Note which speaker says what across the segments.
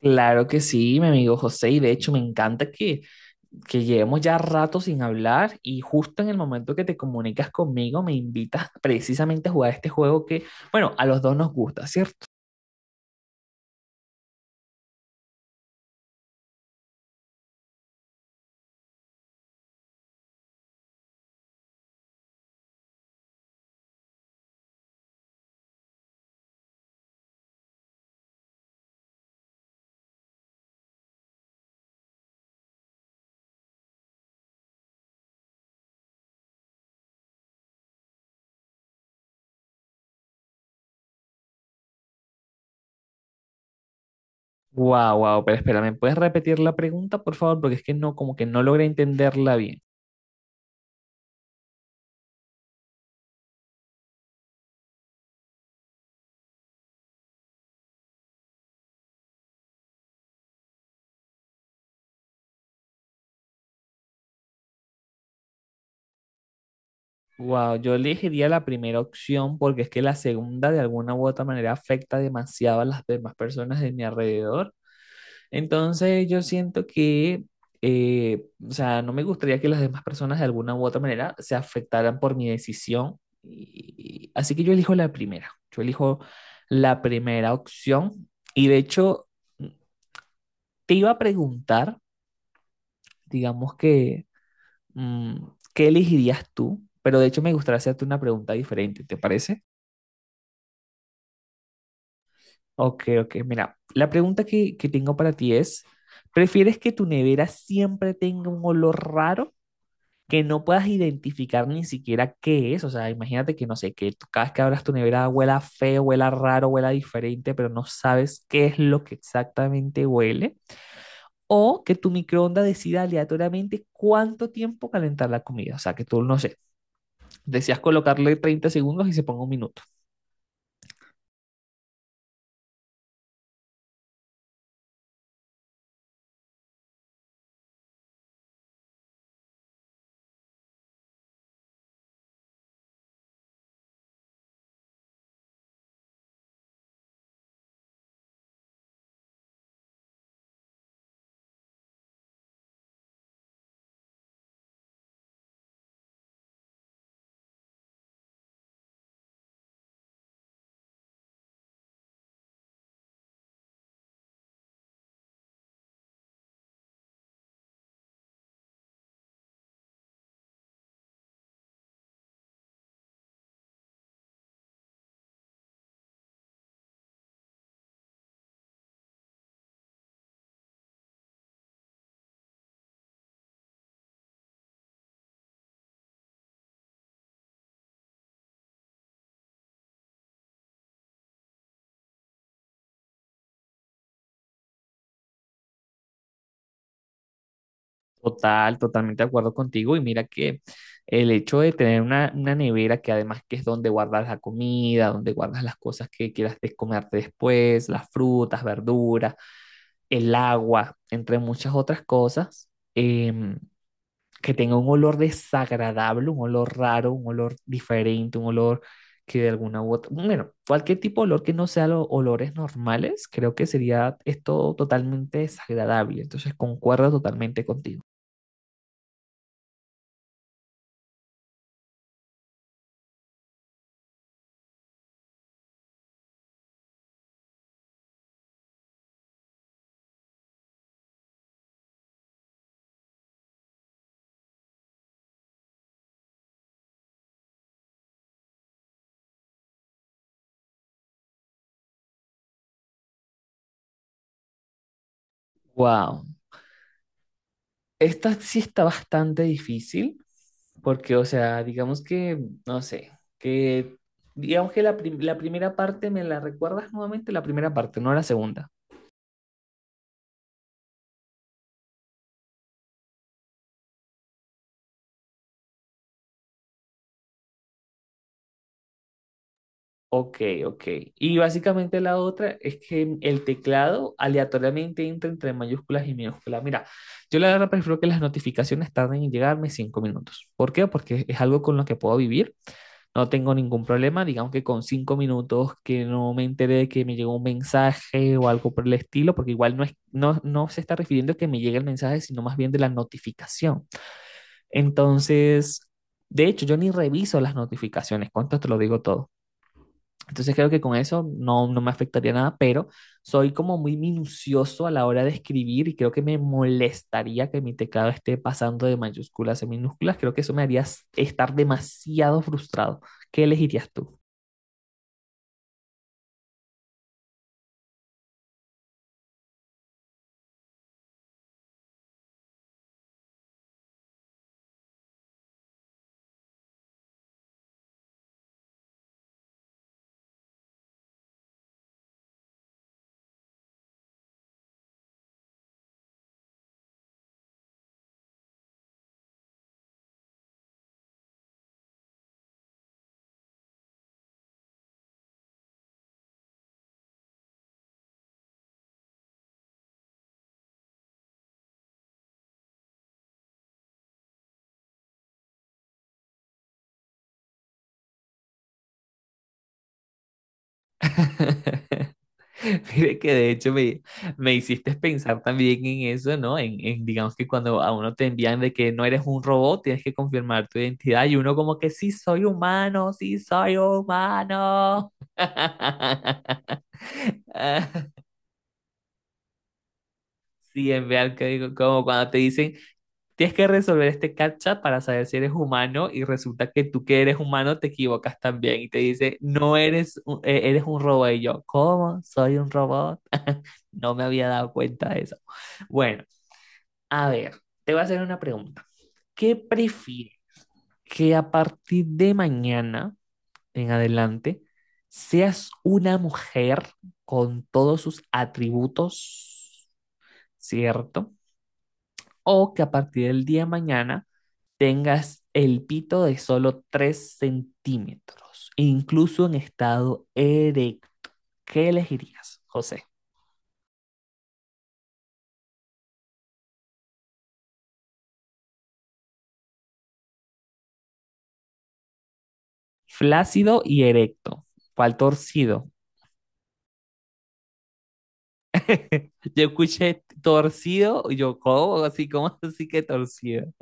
Speaker 1: Claro que sí, mi amigo José, y de hecho me encanta que llevemos ya rato sin hablar y justo en el momento que te comunicas conmigo me invitas precisamente a jugar este juego que, bueno, a los dos nos gusta, ¿cierto? Wow, wow, pero espera, ¿me puedes repetir la pregunta, por favor? Porque es que no, como que no logré entenderla bien. Wow, yo elegiría la primera opción porque es que la segunda de alguna u otra manera afecta demasiado a las demás personas de mi alrededor. Entonces yo siento que, o sea, no me gustaría que las demás personas de alguna u otra manera se afectaran por mi decisión. Así que yo elijo la primera, yo elijo la primera opción. Y de hecho, te iba a preguntar, digamos que, mm, ¿qué elegirías tú? Pero de hecho me gustaría hacerte una pregunta diferente, ¿te parece? Ok, ok, mira, la pregunta que tengo para ti es, ¿prefieres que tu nevera siempre tenga un olor raro que no puedas identificar ni siquiera qué es? O sea, imagínate que no sé, que tú cada vez que abras tu nevera huela feo, huela raro, huela diferente, pero no sabes qué es lo que exactamente huele. ¿O que tu microondas decida aleatoriamente cuánto tiempo calentar la comida? O sea, que tú, no sé, decías colocarle 30 segundos y se ponga 1 minuto. Totalmente de acuerdo contigo. Y mira que el hecho de tener una nevera, que además que es donde guardas la comida, donde guardas las cosas que quieras comerte después, las frutas, verduras, el agua, entre muchas otras cosas, em, que tenga un olor desagradable, un olor raro, un olor diferente, un olor que de alguna u otra, bueno, cualquier tipo de olor que no sea los olores normales, creo que sería esto totalmente desagradable. Entonces, concuerdo totalmente contigo. Wow, esta sí está bastante difícil, porque, o sea, digamos que, no sé, que, digamos que la, la primera parte, ¿me la recuerdas nuevamente? La primera parte, no la segunda. Ok, ok. Y básicamente la otra es que el teclado aleatoriamente entra entre mayúsculas y minúsculas. Mira, yo la verdad prefiero que las notificaciones tarden en llegarme 5 minutos. ¿Por qué? Porque es algo con lo que puedo vivir. No tengo ningún problema. Digamos que con 5 minutos que no me enteré de que me llegó un mensaje o algo por el estilo, porque igual no es, no se está refiriendo a que me llegue el mensaje, sino más bien de la notificación. Entonces, de hecho, yo ni reviso las notificaciones. ¿Cuánto te lo digo todo? Entonces creo que con eso no, no me afectaría nada, pero soy como muy minucioso a la hora de escribir y creo que me molestaría que mi teclado esté pasando de mayúsculas a minúsculas. Creo que eso me haría estar demasiado frustrado. ¿Qué elegirías tú? Mire que de hecho me hiciste pensar también en eso, ¿no? En, digamos que cuando a uno te envían de que no eres un robot, tienes que confirmar tu identidad y uno como que sí soy humano, sí soy humano. Sí, es real que digo, como cuando te dicen, tienes que resolver este captcha para saber si eres humano y resulta que tú que eres humano te equivocas también y te dice, no eres, eres un robot. Y yo, ¿cómo? ¿Soy un robot? No me había dado cuenta de eso. Bueno, a ver, te voy a hacer una pregunta. ¿Qué prefieres? Que a partir de mañana en adelante seas una mujer con todos sus atributos, ¿cierto? ¿O que a partir del día de mañana tengas el pito de solo 3 centímetros, incluso en estado erecto? ¿Qué elegirías, José? Flácido y erecto. ¿Cuál torcido? Yo escuché torcido, y yo, ¿cómo? Así, ¿cómo así que torcido?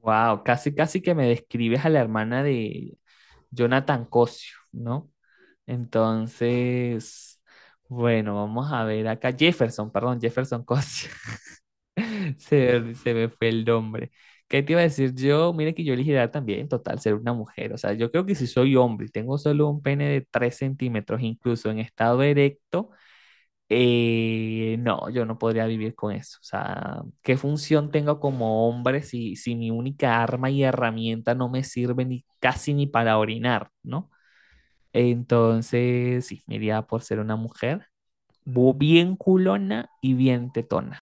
Speaker 1: Wow, casi, casi que me describes a la hermana de, Jonathan Cosio, ¿no? Entonces, bueno, vamos a ver acá. Jefferson, perdón, Jefferson Cosio. Se me fue el nombre. ¿Qué te iba a decir yo? Mira que yo elegiría también, total, ser una mujer. O sea, yo creo que si soy hombre y tengo solo un pene de 3 centímetros, incluso en estado erecto, no, yo no podría vivir con eso. O sea, ¿qué función tengo como hombre si, mi única arma y herramienta no me sirve ni casi ni para orinar, ¿no? Entonces, sí, me iría por ser una mujer bien culona y bien tetona.